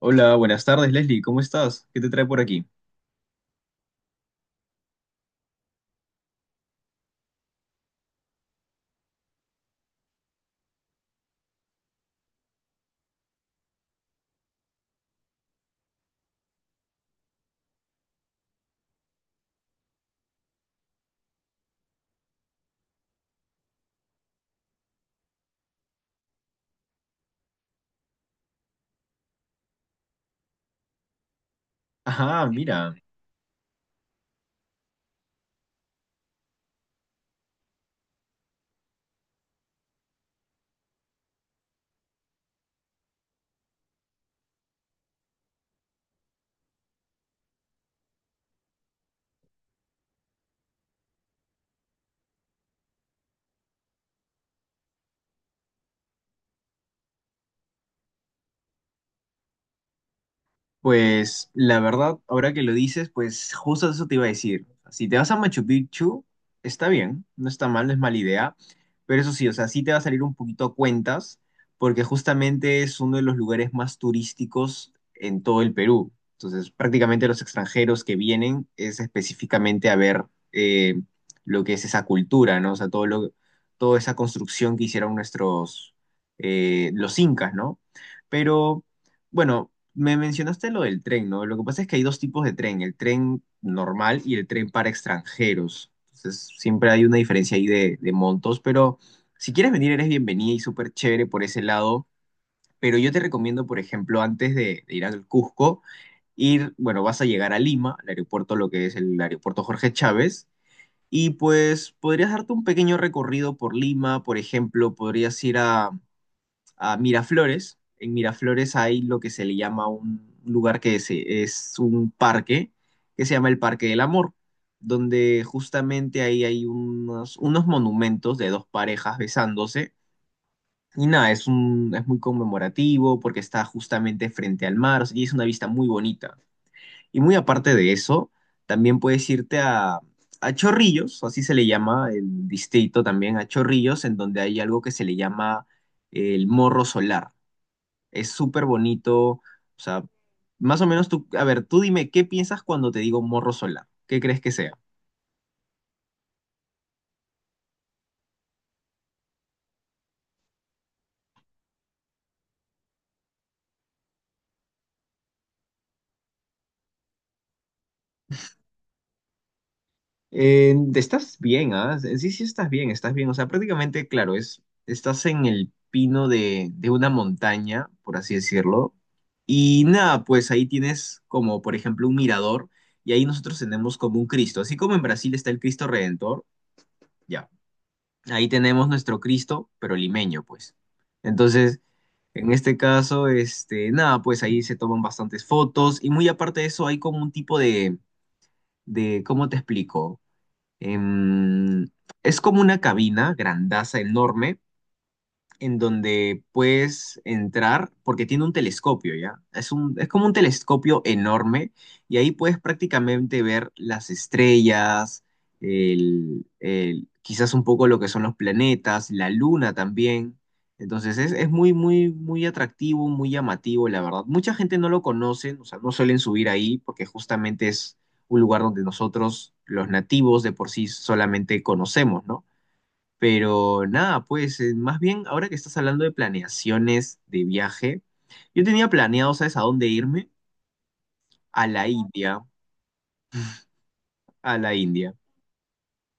Hola, buenas tardes, Leslie, ¿cómo estás? ¿Qué te trae por aquí? Ajá, mira. Pues la verdad, ahora que lo dices, pues justo eso te iba a decir. Si te vas a Machu Picchu, está bien, no está mal, no es mala idea, pero eso sí, o sea, sí te va a salir un poquito a cuentas, porque justamente es uno de los lugares más turísticos en todo el Perú. Entonces, prácticamente los extranjeros que vienen es específicamente a ver eh, lo que es esa cultura, ¿no? O sea, toda esa construcción que hicieron los incas, ¿no? Pero... Bueno, me mencionaste lo del tren, ¿no? Lo que pasa es que hay dos tipos de tren, el tren normal y el tren para extranjeros. Entonces, siempre hay una diferencia ahí de montos, pero si quieres venir, eres bienvenida y súper chévere por ese lado. Pero yo te recomiendo, por ejemplo, antes de ir al Cusco, ir, bueno, vas a llegar a Lima, al aeropuerto, lo que es el aeropuerto Jorge Chávez, y pues podrías darte un pequeño recorrido por Lima, por ejemplo, podrías ir a Miraflores. En Miraflores hay lo que se le llama un lugar es un parque, que se llama el Parque del Amor, donde justamente ahí hay unos monumentos de dos parejas besándose. Y nada, es muy conmemorativo porque está justamente frente al mar, o sea, y es una vista muy bonita. Y muy aparte de eso, también a Chorrillos, así se le llama el distrito también, a Chorrillos, en donde hay algo que se le llama el Morro Solar. Es súper bonito. O sea, más o menos tú, a ver, tú dime, ¿qué piensas cuando te digo morro solar? ¿Qué crees que sea? Estás bien, ¿ah? Sí, sí, estás bien, estás bien. O sea, prácticamente, claro, es, estás en el pino de una montaña, por así decirlo. Y nada, pues ahí tienes como, por ejemplo, un mirador y ahí nosotros tenemos como un Cristo. Así como en Brasil está el Cristo Redentor, ya. Ahí tenemos nuestro Cristo, pero limeño, pues. Entonces, en este caso, este, nada, pues ahí se toman bastantes fotos y muy aparte de eso hay como un tipo de, ¿cómo te explico? Em, es como una cabina grandaza, enorme, en donde puedes entrar porque tiene un telescopio, ¿ya? Es como un telescopio enorme y ahí puedes prácticamente ver las estrellas, quizás un poco lo que son los planetas, la luna también. Entonces es muy, muy, muy atractivo, muy llamativo, la verdad. Mucha gente no lo conoce, o sea, no suelen subir ahí porque justamente es un lugar donde nosotros, los nativos, de por sí solamente conocemos, ¿no? Pero nada, pues más bien ahora que estás hablando de planeaciones de viaje, yo tenía planeado, ¿sabes a dónde irme? A la India, a la India.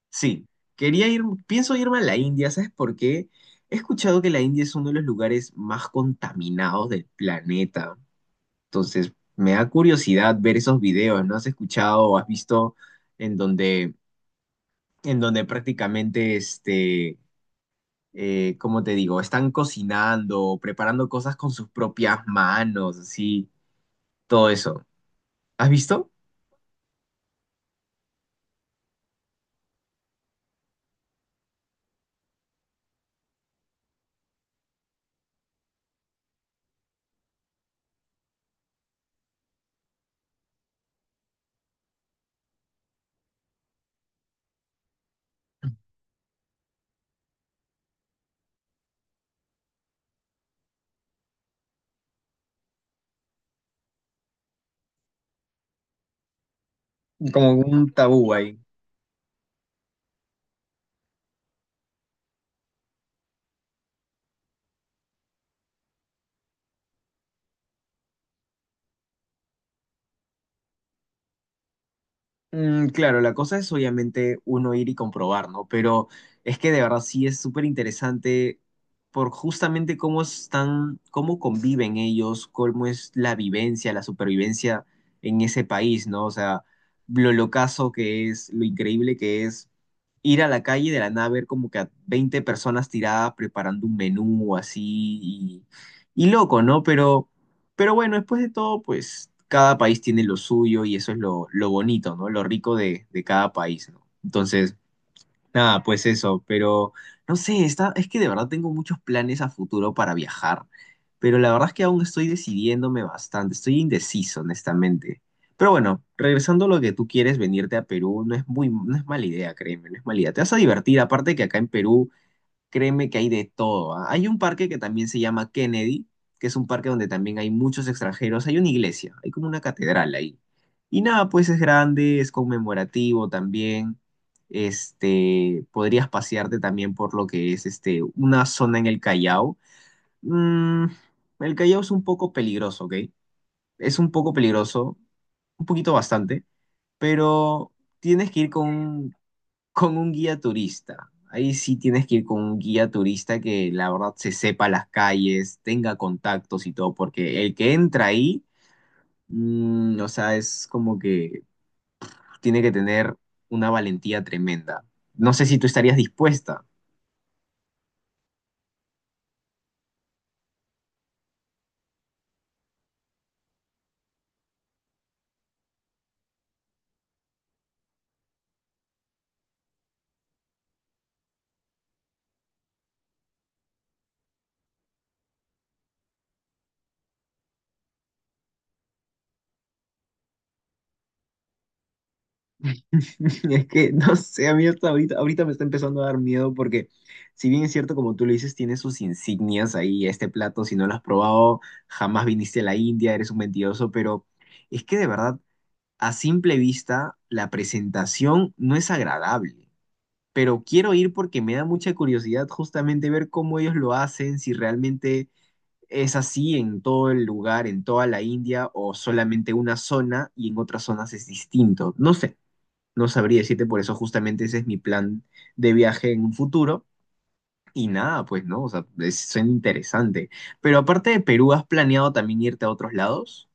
Sí, quería ir, pienso irme a la India, ¿sabes por qué? He escuchado que la India es uno de los lugares más contaminados del planeta. Entonces, me da curiosidad ver esos videos, ¿no? ¿Has escuchado o has visto en donde, en donde prácticamente como te digo, están cocinando, preparando cosas con sus propias manos, así, todo eso. ¿Has visto? Como un tabú ahí. Mm, claro, la cosa es obviamente uno ir y comprobar, ¿no? Pero es que de verdad sí es súper interesante por justamente cómo están, cómo conviven ellos, cómo es la vivencia, la supervivencia en ese país, ¿no? O sea, lo locazo que es, lo increíble que es ir a la calle y de la nada ver como que a 20 personas tiradas preparando un menú así y, y loco, ¿no? Pero bueno, después de todo, pues cada país tiene lo suyo y eso es lo bonito, ¿no? Lo rico de cada país, ¿no? Entonces, nada, pues eso, pero no sé, está, es que de verdad tengo muchos planes a futuro para viajar, pero la verdad es que aún estoy decidiéndome bastante, estoy indeciso, honestamente. Pero bueno, regresando a lo que tú quieres, venirte a Perú no es muy, no es mala idea, créeme, no es mala idea. Te vas a divertir, aparte que acá en Perú créeme que hay de todo, ¿ah? Hay un parque que también se llama Kennedy, que es un parque donde también hay muchos extranjeros. Hay una iglesia, hay como una catedral ahí. Y nada, pues es grande, es conmemorativo también. Este, podrías pasearte también por lo que es este, una zona en el Callao. Mm, el Callao es un poco peligroso, ¿ok? Es un poco peligroso, un poquito bastante, pero tienes que ir con un guía turista. Ahí sí tienes que ir con un guía turista que la verdad se sepa las calles, tenga contactos y todo, porque el que entra ahí, mm, o sea, es como que tiene que tener una valentía tremenda. No sé si tú estarías dispuesta. Es que, no sé, a mí hasta ahorita, ahorita me está empezando a dar miedo porque, si bien es cierto, como tú lo dices, tiene sus insignias ahí, este plato, si no lo has probado, jamás viniste a la India, eres un mentiroso, pero es que de verdad a simple vista, la presentación no es agradable, pero quiero ir porque me da mucha curiosidad justamente ver cómo ellos lo hacen, si realmente es así en todo el lugar, en toda la India, o solamente una zona y en otras zonas es distinto. No sé, no sabría decirte, por eso justamente ese es mi plan de viaje en un futuro. Y nada, pues no, o sea, es, suena interesante. Pero aparte de Perú, ¿has planeado también irte a otros lados?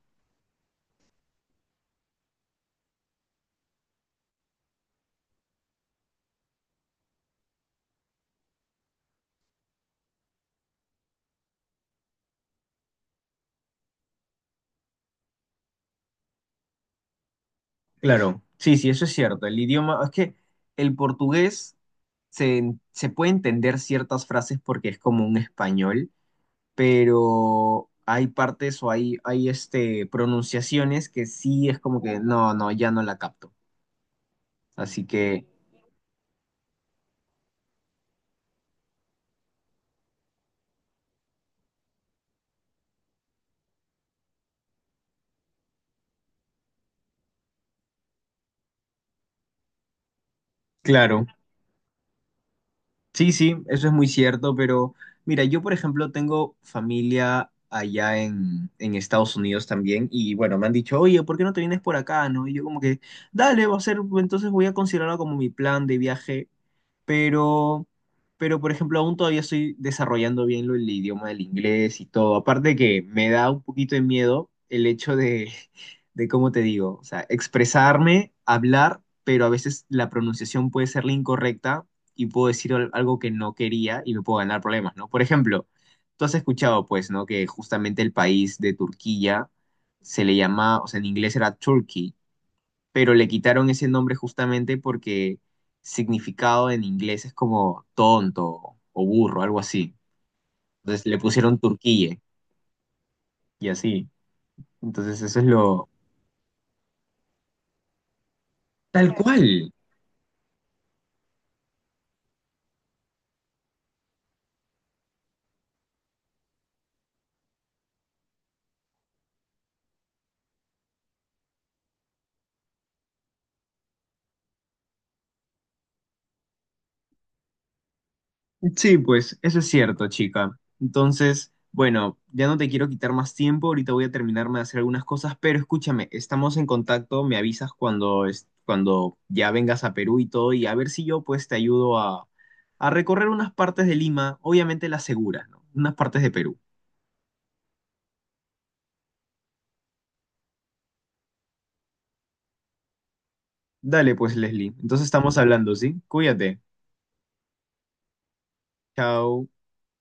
Claro, sí, sí, eso es cierto. El idioma, es que el portugués se puede entender ciertas frases porque es como un español, pero hay partes o hay pronunciaciones que sí es como que no, no, ya no la capto. Así que, claro, sí, sí, eso es muy cierto, pero mira, yo por ejemplo tengo familia allá en Estados Unidos también y bueno, me han dicho, oye, ¿por qué no te vienes por acá, no? Y yo como que, dale, va a ser, entonces voy a considerarlo como mi plan de viaje pero, pero por ejemplo, aún todavía estoy desarrollando bien el idioma del inglés y todo. Aparte que me da un poquito de miedo el hecho de, de cómo te digo, o sea, expresarme, hablar, pero a veces la pronunciación puede ser la incorrecta y puedo decir algo que no quería y me puedo ganar problemas, ¿no? Por ejemplo, tú has escuchado, pues, ¿no? Que justamente el país de Turquía se le llama, o sea, en inglés era Turkey pero le quitaron ese nombre justamente porque significado en inglés es como tonto o burro, algo así. Entonces le pusieron Turquille y así. Entonces eso es lo... Tal cual, sí, pues eso es cierto, chica. Entonces, bueno, ya no te quiero quitar más tiempo, ahorita voy a terminarme de hacer algunas cosas, pero escúchame, estamos en contacto, me avisas cuando, cuando ya vengas a Perú y todo, y a ver si yo pues te ayudo a recorrer unas partes de Lima, obviamente las seguras, ¿no? Unas partes de Perú. Dale pues, Leslie. Entonces estamos hablando, ¿sí? Cuídate. Chao.